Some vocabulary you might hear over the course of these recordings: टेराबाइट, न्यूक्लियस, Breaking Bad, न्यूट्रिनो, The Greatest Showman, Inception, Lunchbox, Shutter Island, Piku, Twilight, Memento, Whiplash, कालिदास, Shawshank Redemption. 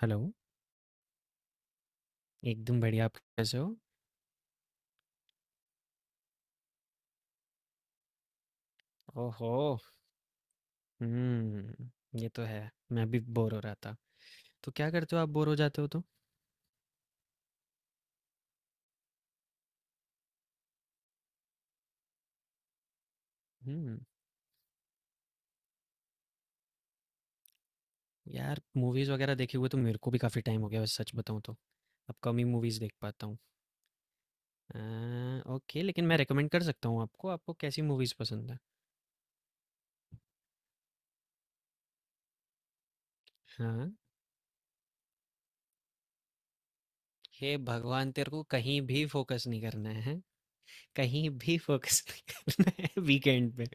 Hello, एकदम बढ़िया। आप कैसे हो? ओहो! हुँ, ये तो है। मैं भी बोर हो रहा था। तो क्या करते हो आप बोर हो जाते हो तो? हुँ, यार मूवीज़ वगैरह देखे हुए तो मेरे को भी काफ़ी टाइम हो गया वैसे सच बताऊँ तो। अब कम ही मूवीज़ देख पाता हूँ। अ, ओके लेकिन मैं रिकमेंड कर सकता हूँ आपको, आपको कैसी मूवीज़ पसंद है? हाँ? हे भगवान! तेरे को कहीं भी फ़ोकस नहीं करना है, हैं? कहीं भी फ़ोकस नहीं करना है वीकेंड पे।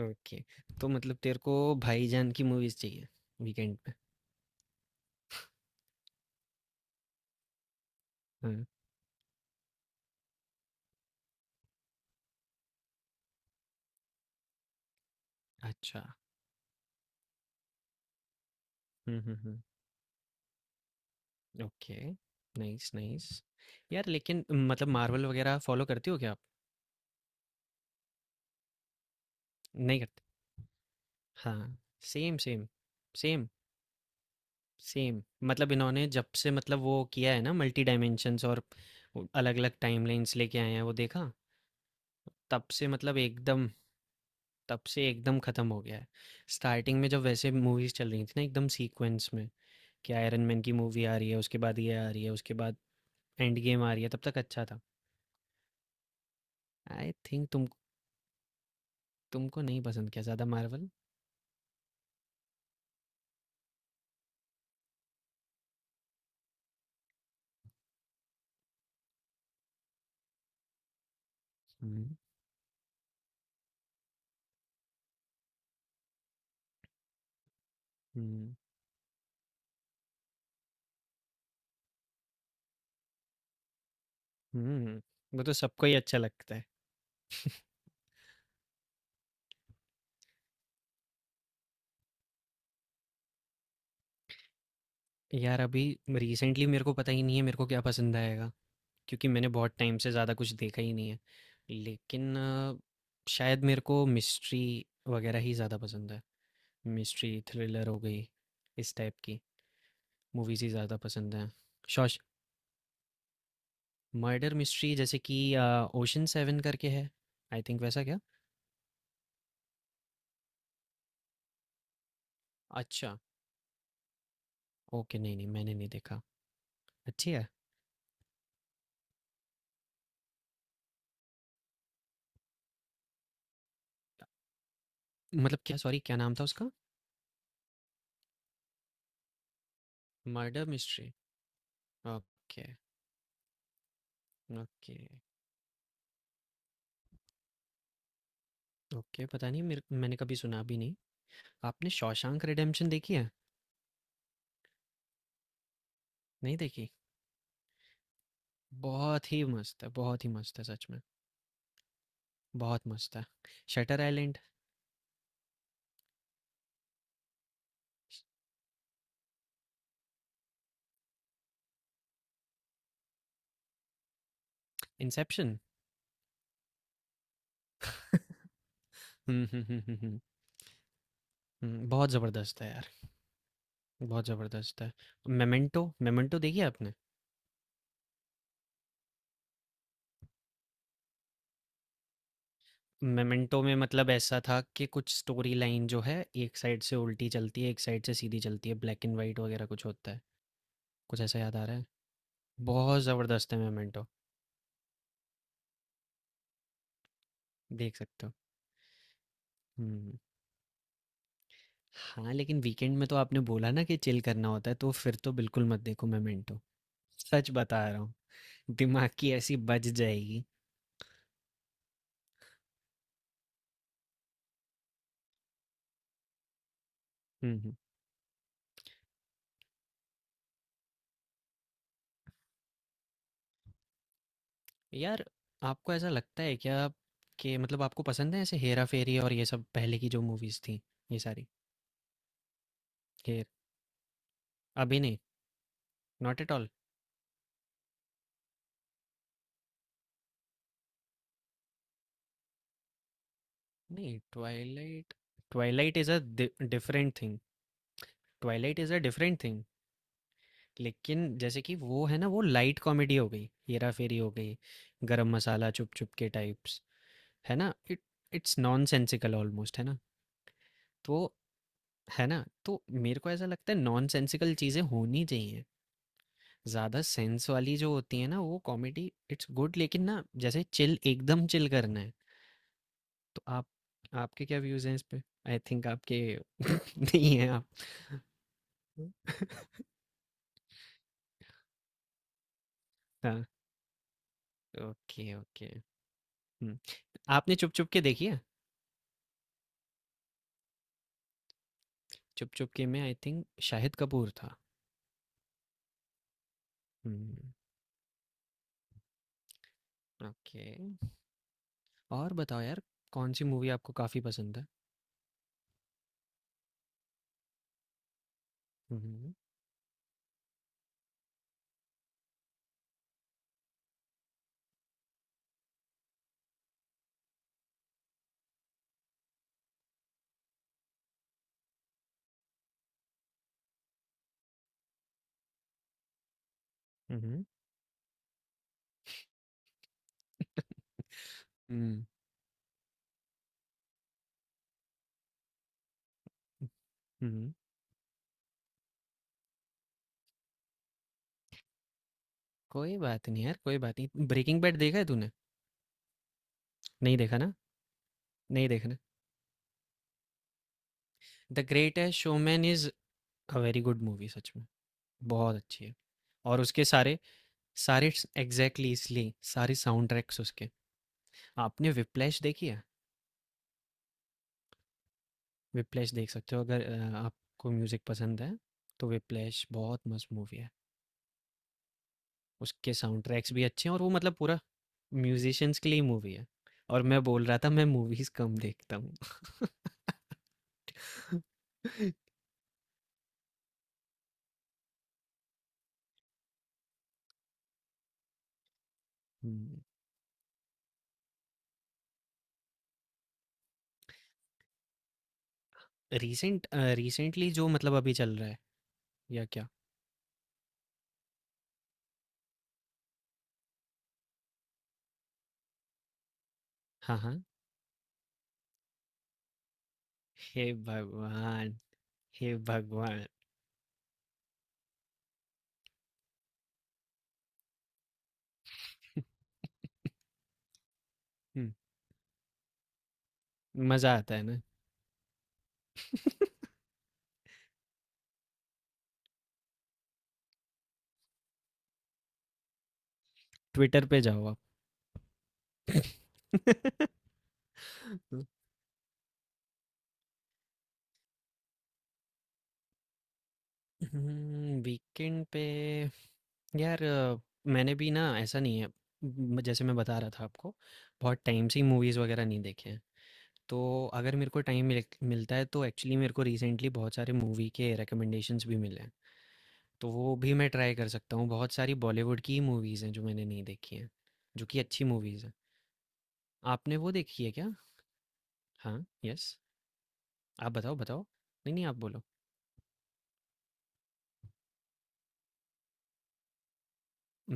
ओके, तो मतलब तेरे को भाईजान की मूवीज़ चाहिए वीकेंड पे? हाँ, अच्छा। हुँ, हुँ, हुँ। Okay, nice, nice. यार लेकिन मतलब मार्वल वगैरह फ़ॉलो करती हो क्या आप? नहीं करते? हाँ, सेम, सेम, सेम, सेम। मतलब इन्होंने जब से मतलब वो किया है ना मल्टी डायमेंशंस और अलग-अलग टाइमलाइन्स लेके आए हैं, वो देखा? तब से मतलब एकदम तब से एकदम ख़त्म हो गया है। स्टार्टिंग में जब वैसे मूवीज़ चल रही थी ना एकदम सीक्वेंस में, कि आयरन मैन की मूवी आ रही है, उसके बाद ये आ रही है, उसके बाद एंड गेम आ रही है, तब तक अच्छा था। आई थिंक तुमको नहीं पसंद क्या ज़्यादा मार्वल? हुँ, हुँ, हुँ। वो तो सबको ही अच्छा लगता है। यार अभी रिसेंटली मेरे को पता ही नहीं है मेरे को क्या पसंद आएगा, क्योंकि मैंने बहुत टाइम से ज़्यादा कुछ देखा ही नहीं है। लेकिन शायद मेरे को मिस्ट्री वगैरह ही ज़्यादा पसंद है। मिस्ट्री, थ्रिलर हो गई, इस टाइप की मूवीज़ ही ज़्यादा पसंद हैं। शॉश मर्डर मिस्ट्री जैसे कि ओशन 7 करके है, आई थिंक वैसा क्या? अच्छा, ओके नहीं, नहीं मैंने नहीं देखा। अच्छी है? मतलब क्या, सॉरी, क्या नाम था उसका? Murder mystery? Okay, okay, okay, पता नहीं मेरे मैंने कभी सुना भी नहीं। आपने शॉशैंक रिडेम्पशन देखी है? नहीं देखी? बहुत ही मस्त है, बहुत ही मस्त है सच में, बहुत मस्त है। Shutter Island, Inception? हुँ, हुँ, हुँ, हुँ, हुँ, हुँ, बहुत ज़बरदस्त है यार, बहुत ज़बरदस्त है। मेमेंटो, मेमेंटो देखी है आपने? मेमेंटो में मतलब ऐसा था कि कुछ स्टोरी लाइन जो है, एक साइड से उल्टी चलती है, एक साइड से सीधी चलती है, ब्लैक एंड व्हाइट वगैरह कुछ होता है। कुछ ऐसा याद आ रहा है? बहुत ज़बरदस्त है मेमेंटो, देख सकते हो। हुँ। हाँ, लेकिन वीकेंड में तो आपने बोला ना कि चिल करना होता है, तो फिर तो बिल्कुल मत देखो मोमेंटो। सच बता रहा हूँ, दिमाग की ऐसी बज जाएगी। हुँ, हुँ। यार, आपको ऐसा लगता है क्या कि मतलब आपको पसंद है ऐसे हेरा-फेरी और ये सब पहले की जो मूवीज़ थी, ये सारी? हेर अभी नहीं, नॉट एट ऑल? नहीं, ट्वाइलाइट ट्वाइलाइट इज़ अ डि different thing. Twilight is a different thing. लेकिन जैसे कि वो है ना, वो लाइट कॉमेडी हो गई, हेरा-फेरी हो गई, गरम मसाला, चुप चुप के टाइप्स। है ना इट इट्स नॉनसेंसिकल ऑलमोस्ट है ना, तो है ना, तो मेरे को ऐसा लगता है नॉनसेंसिकल चीज़ें होनी चाहिए। ज़्यादा सेंस वाली जो होती है ना वो कॉमेडी, इट्स गुड, लेकिन ना जैसे चिल एकदम चिल करना है। तो आप आपके क्या व्यूज़ हैं इस पे? आई थिंक आपके नहीं है आप। हाँ, ओके, ओके। हम्म। आपने चुप चुप के देखी है? चुप चुप के में आई थिंक शाहिद कपूर था। हम्म। ओके। और बताओ यार, कौन सी मूवी आपको काफ़ी पसंद है? हम्म। हुँ, हुँ। हुँ। हुँ, हुँ। कोई बात नहीं यार, कोई बात नहीं। ब्रेकिंग बैड देखा है तूने? नहीं देखा ना? नहीं देखना। The Greatest Showman is a very good movie सच में, बहुत अच्छी है। और उसके सारे सारे स एग्ज़ैक्टली इसलिए सारे साउंड ट्रैक्स उसके। आपने व्हिप्लैश देखी है? व्हिप्लैश देख सकते हो अगर आपको म्यूज़िक पसंद है, तो व्हिप्लैश बहुत मस्त मूवी है। उसके साउंड ट्रैक्स भी अच्छे हैं, और वो मतलब पूरा म्यूज़िशियंस के लिए ही मूवी है। और मैं बोल रहा था मैं मूवीज़ कम देखता हूँ। रिसेंट रिसेंटली जो मतलब अभी चल रहा है, या क्या? हाँ, हाँ। हे भगवान! हे भगवान! हम्म, मजा आता है ना? ट्विटर पे जाओ आप। वीकेंड पे यार, मैंने भी ना, ऐसा नहीं है। जैसे मैं बता रहा था आपको, बहुत टाइम से ही मूवीज़ वगैरह नहीं देखे हैं। तो अगर मेरे को टाइम मिलता है, तो एक्चुअली मेरे को रिसेंटली बहुत सारे मूवी के रिकमेंडेशंस भी मिले हैं, तो वो भी मैं ट्राई कर सकता हूँ। बहुत सारी बॉलीवुड की मूवीज़ हैं जो मैंने नहीं देखी हैं, जो कि अच्छी मूवीज़ हैं। आपने वो देखी है क्या? हाँ, यस। आप बताओ, बताओ। नहीं, नहीं, आप बोलो।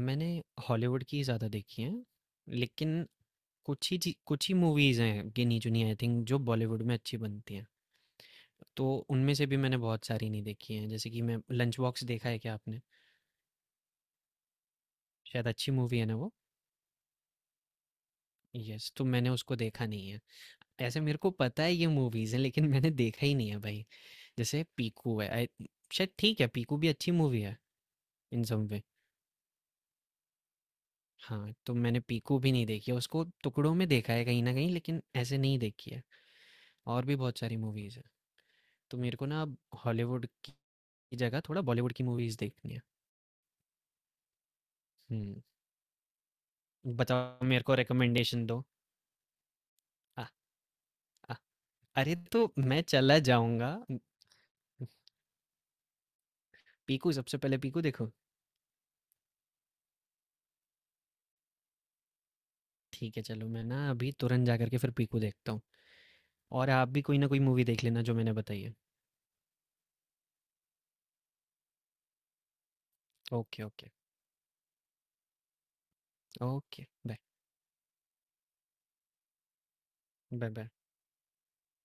मैंने हॉलीवुड की ज़्यादा देखी हैं, लेकिन कुछ ही मूवीज़ हैं गिनी चुनी, आई थिंक, जो बॉलीवुड में अच्छी बनती हैं। तो उनमें से भी मैंने बहुत सारी नहीं देखी हैं, जैसे कि मैं लंच बॉक्स देखा है क्या आपने? शायद अच्छी मूवी है ना वो? यस, तो मैंने उसको देखा नहीं है। ऐसे मेरे को पता है ये मूवीज़ हैं लेकिन मैंने देखा ही नहीं है भाई। जैसे पीकू है, आई शायद ठीक है, पीकू भी अच्छी मूवी है इन सम वे। हाँ, तो मैंने पीकू भी नहीं देखी है, उसको टुकड़ों में देखा है कहीं न कहीं, लेकिन ऐसे नहीं देखी है। और भी बहुत सारी मूवीज़ हैं। तो मेरे को ना अब हॉलीवुड की जगह थोड़ा बॉलीवुड की मूवीज़ देखनी है। हुँ, बताओ मेरे को रिकमेंडेशन दो। अ, अ, अरे तो मैं चला जाऊँगा। पीकू, सबसे पहले पीकू देखो? ठीक है, चलो मैं ना अभी तुरंत जा कर के फिर पीकू देखता हूँ। और आप भी कोई ना कोई मूवी देख लेना जो मैंने बताई है। Okay, okay, okay, bye, bye, bye.